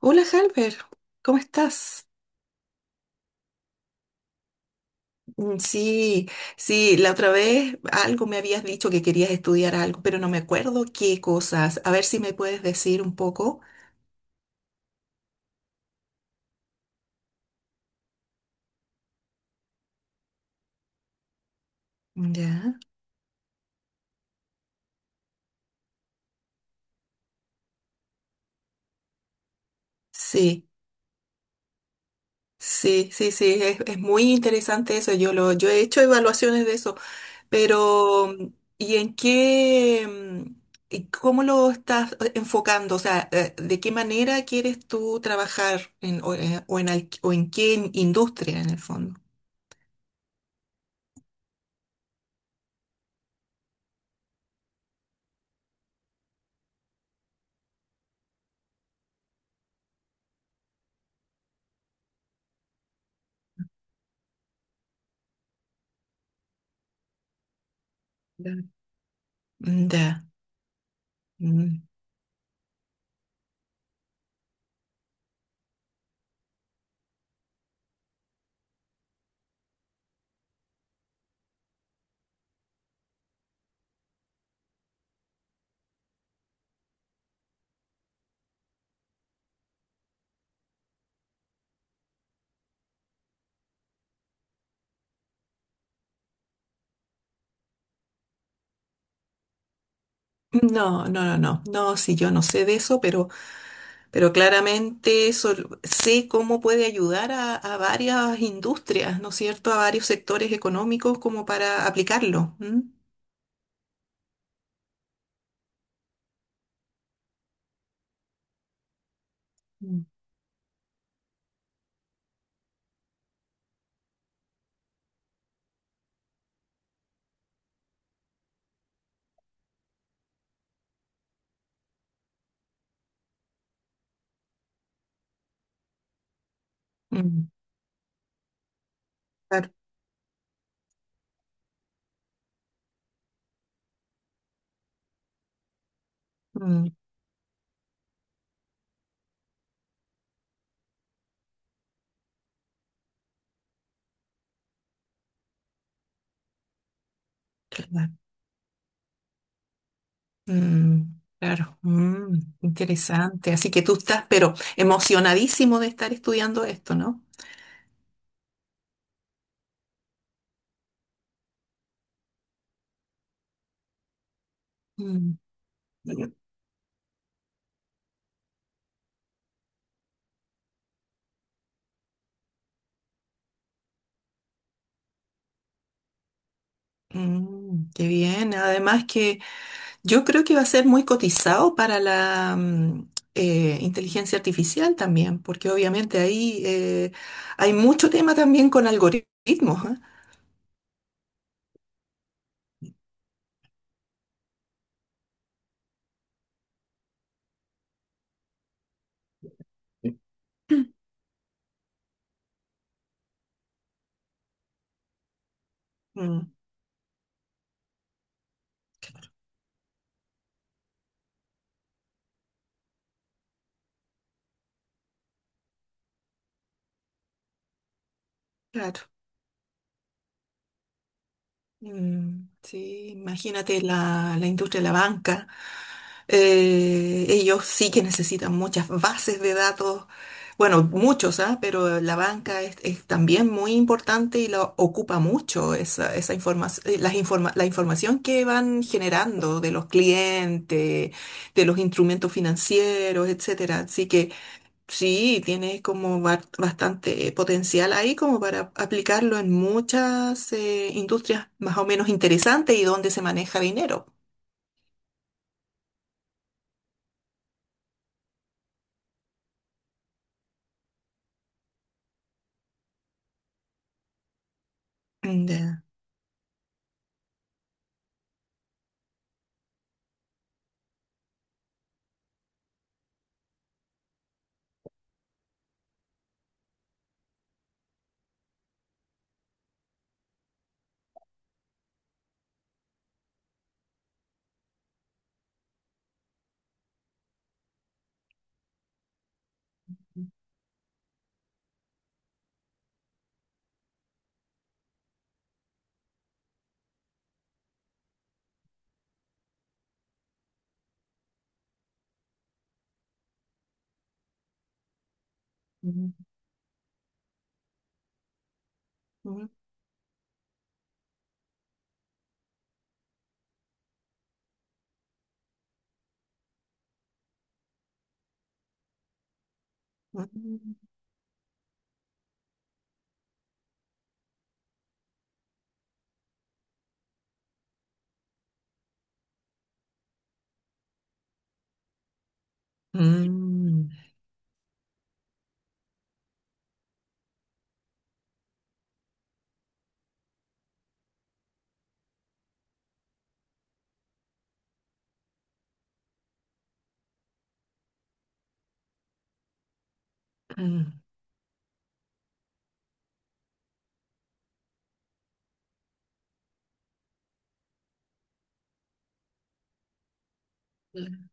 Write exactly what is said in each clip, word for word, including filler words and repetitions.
Hola, Halber, ¿cómo estás? Mm, Sí, sí, la otra vez algo me habías dicho que querías estudiar algo, pero no me acuerdo qué cosas. A ver si me puedes decir un poco. Ya. Sí, sí, sí, sí, es, es muy interesante eso. Yo lo, yo he hecho evaluaciones de eso, pero mm, ¿y en qué, mm, y cómo lo estás eh, enfocando? O sea, eh, ¿de qué manera quieres tú trabajar en, o, eh, o en, al- o en qué industria en el fondo? Mm, Ya. Mm. No, no, no, no. No, sí, yo no sé de eso, pero, pero claramente eso lo- sé cómo puede ayudar a, a varias industrias, ¿no es cierto? A varios sectores económicos como para aplicarlo. ¿M? Mm, mm. Claro. Mm, claro. Mm, claro. Mm, interesante. Así que tú estás, pero emocionadísimo de estar estudiando esto, ¿no? Mm. Mm, qué bien. Además que yo creo que va a ser muy cotizado para la mm, eh, inteligencia artificial también, porque obviamente ahí eh, hay mucho tema también con algoritmos, ¿ah? Mm, claro. Mm, sí, imagínate la, la industria de la banca. Eh, ellos sí que necesitan muchas bases de datos, bueno, muchos, ¿ah? Pero la banca es, es también muy importante y la ocupa mucho esa, esa información, las informa- la información que van generando de los clientes, de los instrumentos financieros, etcétera. Así que sí, tiene como ba- bastante potencial ahí como para aplicarlo en muchas eh, industrias más o menos interesantes y donde se maneja dinero. Mm, ya. Mm, mm, mm, mm. Mm, mm.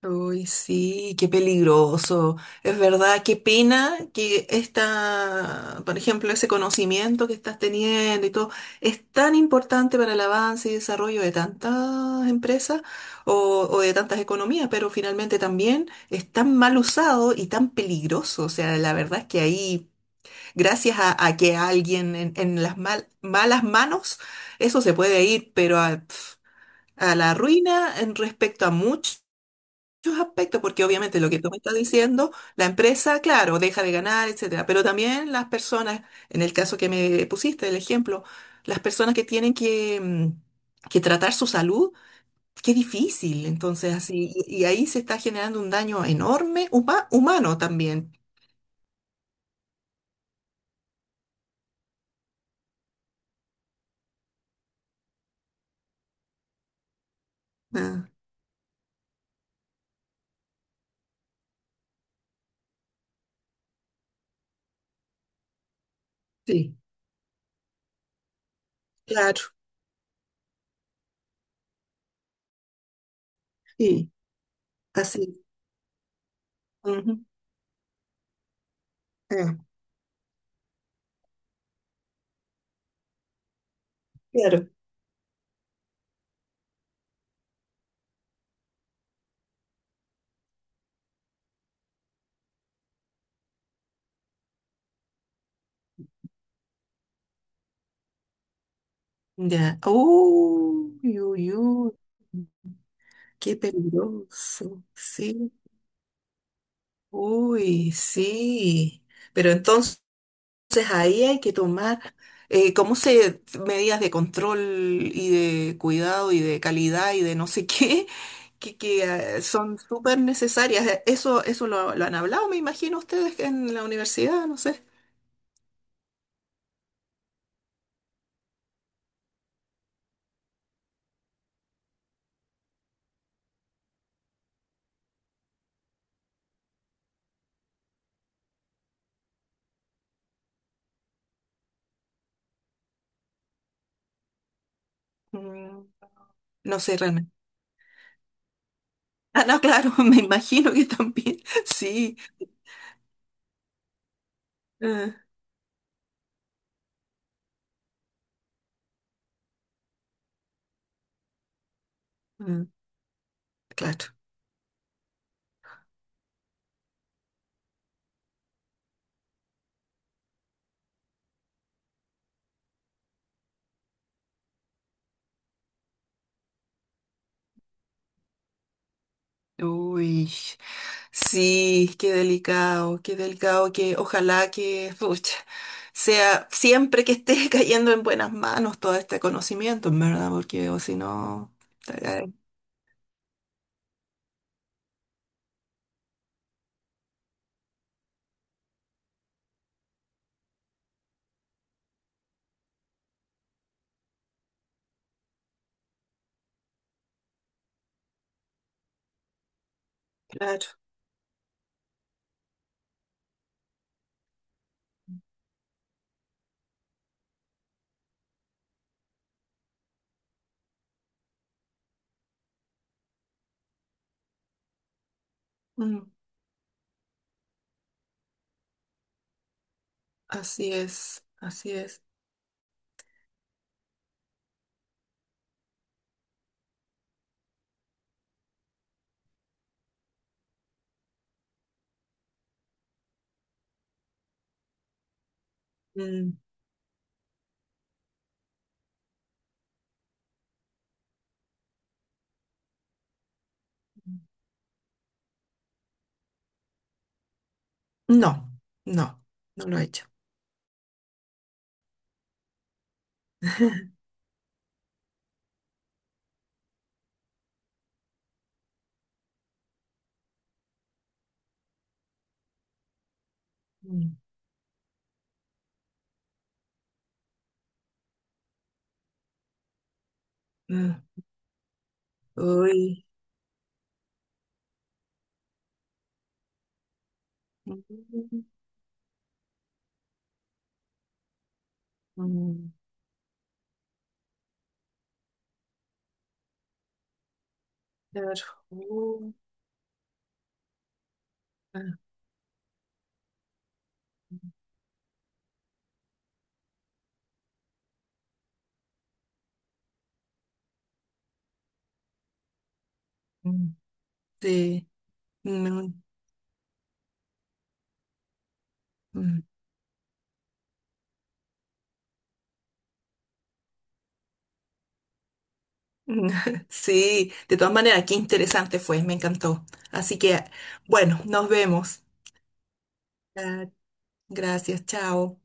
Uy, sí, qué peligroso. Es verdad, qué pena que esta, por ejemplo, ese conocimiento que estás teniendo y todo es tan importante para el avance y desarrollo de tantas empresas o, o de tantas economías, pero finalmente también es tan mal usado y tan peligroso. O sea, la verdad es que ahí, gracias a, a que alguien en, en las mal- malas manos, eso se puede ir, pero a, pf, a la ruina en respecto a mucho muchos aspectos, porque obviamente lo que tú me estás diciendo, la empresa, claro, deja de ganar, etcétera, pero también las personas, en el caso que me pusiste, el ejemplo, las personas que tienen que, mm, que tratar su salud, qué difícil, entonces así, y, y ahí se está generando un daño enorme, huma- humano también. Ah, sí, claro, sí, así. Ujú, ah, claro. Ya. Uy, uy, uy, qué peligroso, sí. Uy, sí, pero entonces ahí hay que tomar, eh, ¿cómo se medidas de control y de cuidado y de calidad y de no sé qué, que, que, eh, son súper necesarias? Eh, Eso, eso lo, lo han hablado, me imagino ustedes en la universidad, no sé. Mm, No sé realmente. Ah, no, claro, me imagino que también, sí. eh, mm, claro. Uy. Sí, qué delicado, qué delicado, que ojalá que pucha, sea siempre que esté cayendo en buenas manos todo este conocimiento, en verdad, porque o si no, eh, claro. Mm, así es, así es. Mm, No, no, no lo he hecho. Mm, mm. Uy. Mm, mm. Claro. Uh, ah, mm. Sí. Mm, mm. Sí, de todas maneras, qué interesante fue, me encantó. Así que, bueno, nos vemos. Ah, gracias, chao.